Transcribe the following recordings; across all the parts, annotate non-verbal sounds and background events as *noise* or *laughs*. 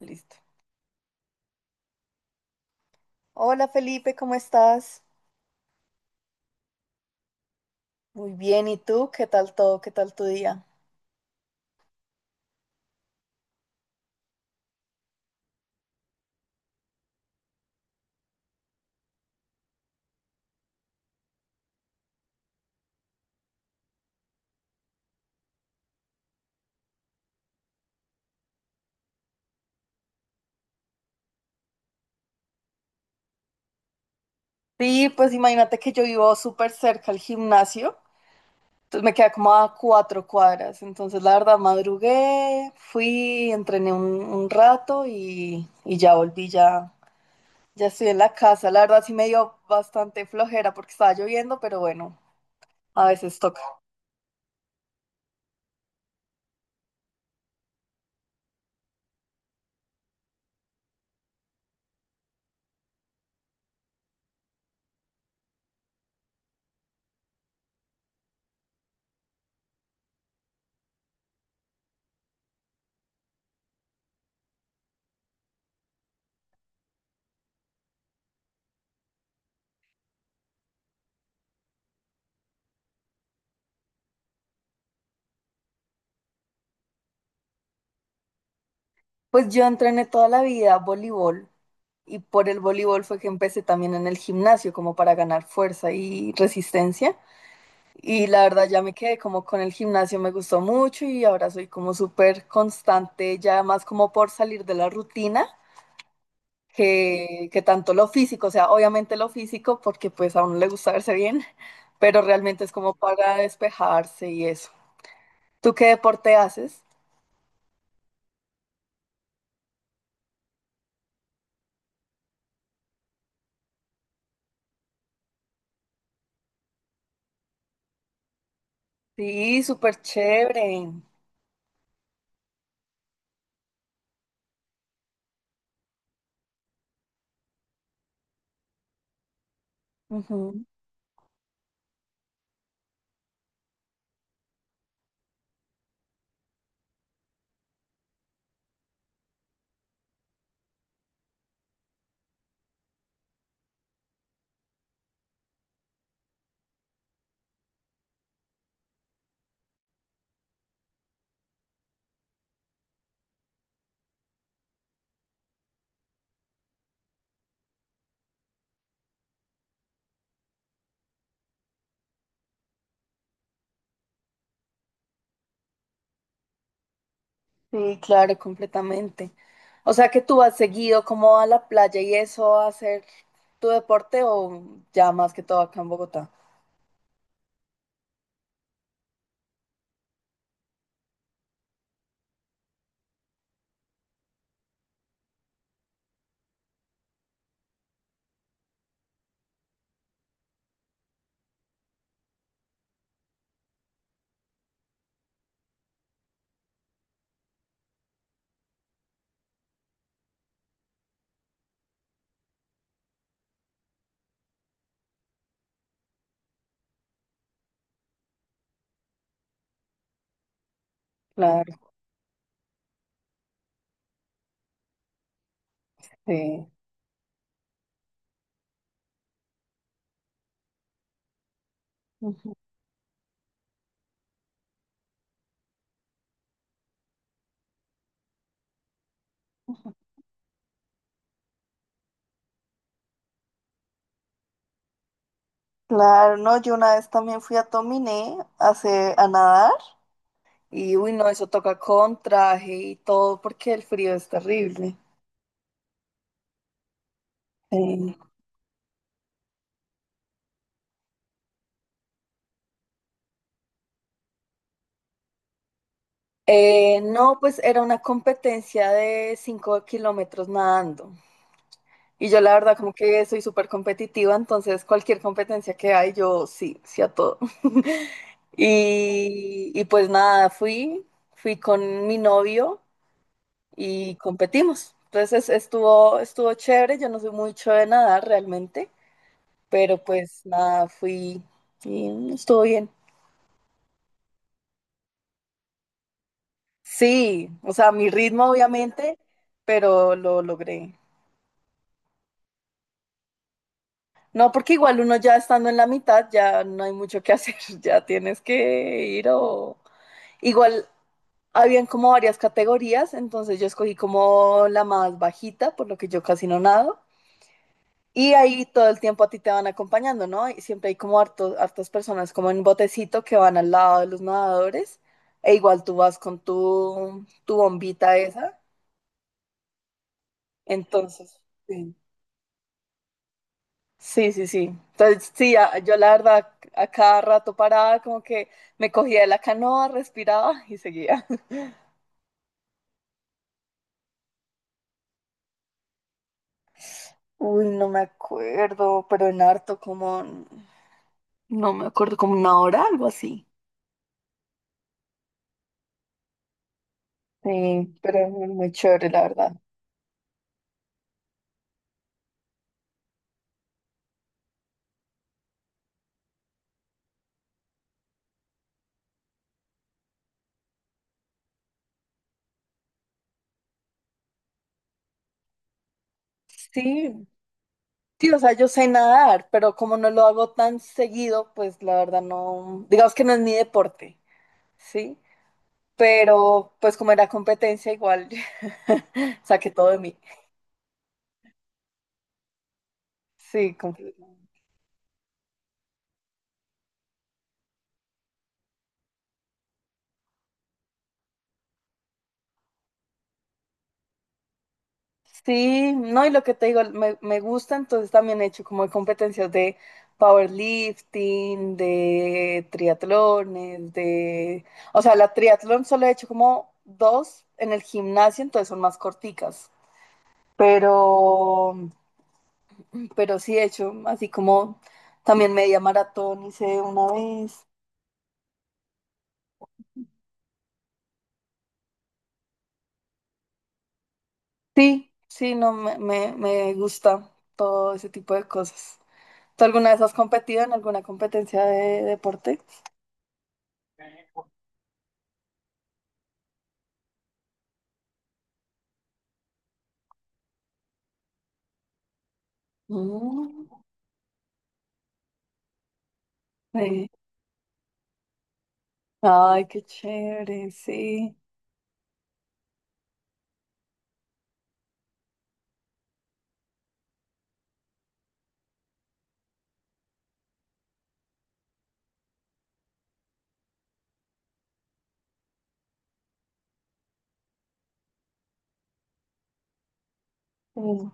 Listo. Hola Felipe, ¿cómo estás? Muy bien, ¿y tú? ¿Qué tal todo? ¿Qué tal tu día? Sí, pues imagínate que yo vivo súper cerca al gimnasio, entonces me queda como a 4 cuadras, entonces la verdad madrugué, fui, entrené un rato y ya volví, ya, ya estoy en la casa, la verdad sí me dio bastante flojera porque estaba lloviendo, pero bueno, a veces toca. Pues yo entrené toda la vida voleibol y por el voleibol fue que empecé también en el gimnasio como para ganar fuerza y resistencia. Y la verdad ya me quedé como con el gimnasio, me gustó mucho y ahora soy como súper constante, ya más como por salir de la rutina que tanto lo físico, o sea, obviamente lo físico porque pues a uno le gusta verse bien, pero realmente es como para despejarse y eso. ¿Tú qué deporte haces? Sí, súper chévere. Ujú. Sí, claro, completamente. O sea que tú has seguido como a la playa y eso a hacer tu deporte o ya más que todo acá en Bogotá. Claro, sí. Ujú. Claro, no, yo una vez también fui a Tominé a a nadar y uy, no, eso toca con traje y todo porque el frío es terrible. Sí. No, pues era una competencia de 5 kilómetros nadando. Y yo la verdad como que soy súper competitiva, entonces cualquier competencia que hay, yo sí, sí a todo. *laughs* Y pues nada, fui con mi novio y competimos. Entonces estuvo chévere, yo no soy mucho de nadar realmente, pero pues nada, fui y estuvo bien. Sí, o sea, mi ritmo obviamente, pero lo logré. No, porque igual uno ya estando en la mitad, ya no hay mucho que hacer, *laughs* ya tienes que ir o igual habían como varias categorías, entonces yo escogí como la más bajita, por lo que yo casi no nado. Y ahí todo el tiempo a ti te van acompañando, ¿no? Y siempre hay como hartos, hartas personas como en botecito que van al lado de los nadadores. E igual tú vas con tu bombita esa. Entonces, sí. Sí, sí, sí. Entonces, sí, yo la verdad a cada rato paraba, como que me cogía de la canoa, respiraba y seguía. *laughs* Uy, no me acuerdo, pero en harto como, no me acuerdo, como una hora, algo así. Sí, pero es muy muy chévere, la verdad. Sí, sí, o sea, yo sé nadar, pero como no lo hago tan seguido, pues la verdad no, digamos que no es mi deporte, ¿sí? Pero pues como era competencia, igual *laughs* saqué todo de mí. Sí, como- Sí, no, y lo que te digo, me gusta, entonces también he hecho como competencias de powerlifting, de triatlones, de... O sea, la triatlón solo he hecho como dos en el gimnasio, entonces son más corticas. Pero, pero sí he hecho, así como también media maratón hice una vez. Sí, sí, no, me gusta todo ese tipo de cosas. ¿Tú alguna vez has competido en alguna competencia de deporte? Mm. Sí. Ay, qué chévere, sí. Mm,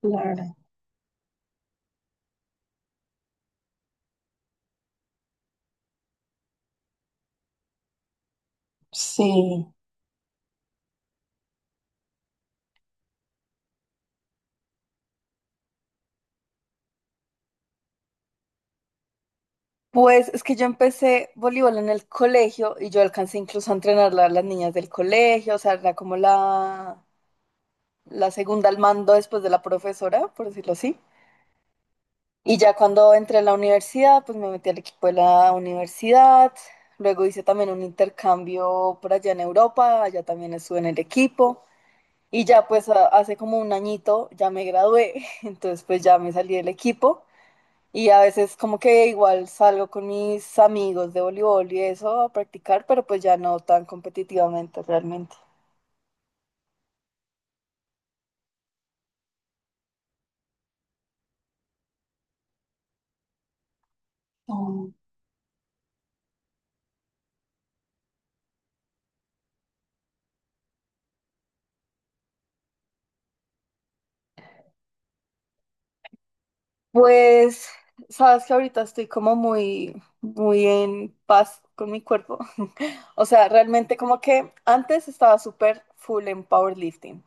claro, sí. Pues es que yo empecé voleibol en el colegio y yo alcancé incluso a entrenar a las niñas del colegio, o sea, era como la segunda al mando después de la profesora, por decirlo así. Y ya cuando entré a la universidad, pues me metí al equipo de la universidad, luego hice también un intercambio por allá en Europa, allá también estuve en el equipo. Y ya pues hace como un añito ya me gradué, *laughs* entonces pues ya me salí del equipo y a veces como que igual salgo con mis amigos de voleibol y eso a practicar, pero pues ya no tan competitivamente realmente. Oh, pues sabes que ahorita estoy como muy, muy en paz con mi cuerpo. *laughs* O sea, realmente como que antes estaba súper full en powerlifting,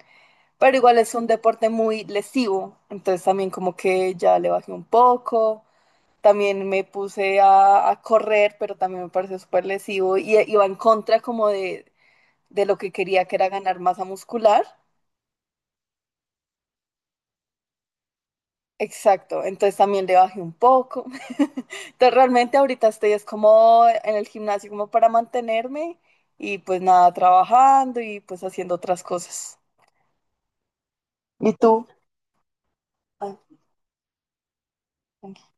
pero igual es un deporte muy lesivo, entonces también como que ya le bajé un poco. También me puse a correr, pero también me pareció súper lesivo y va en contra como de lo que quería, que era ganar masa muscular. Exacto, entonces también le bajé un poco. *laughs* Entonces realmente ahorita estoy es como en el gimnasio como para mantenerme y pues nada, trabajando y pues haciendo otras cosas. ¿Y tú? Ah, ok.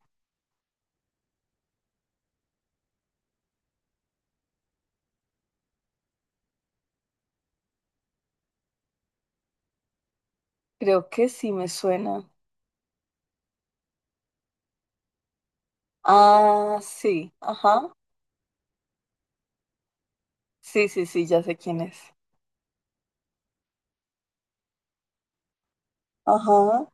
Creo que sí me suena. Ah, sí, ajá. Sí, sí, sí, ya sé quién es. Ajá.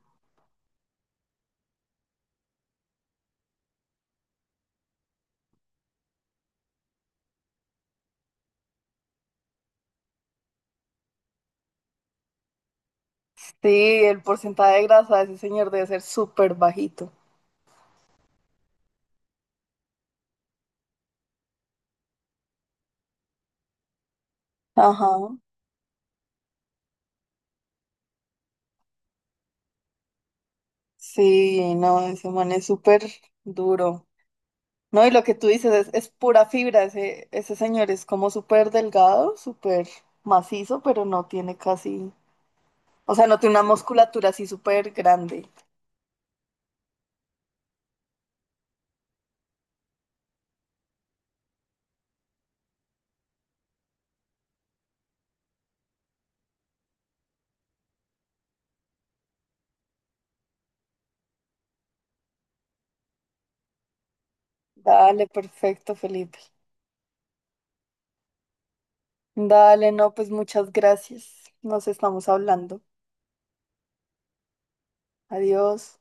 Sí, el porcentaje de grasa de ese señor debe ser súper bajito. Ajá. Sí, no, ese man es súper duro. No, y lo que tú dices es pura fibra. Ese señor es como súper delgado, súper macizo, pero no tiene casi, o sea, no tiene una musculatura así súper grande. Dale, perfecto, Felipe. Dale, no, pues muchas gracias. Nos estamos hablando. Adiós.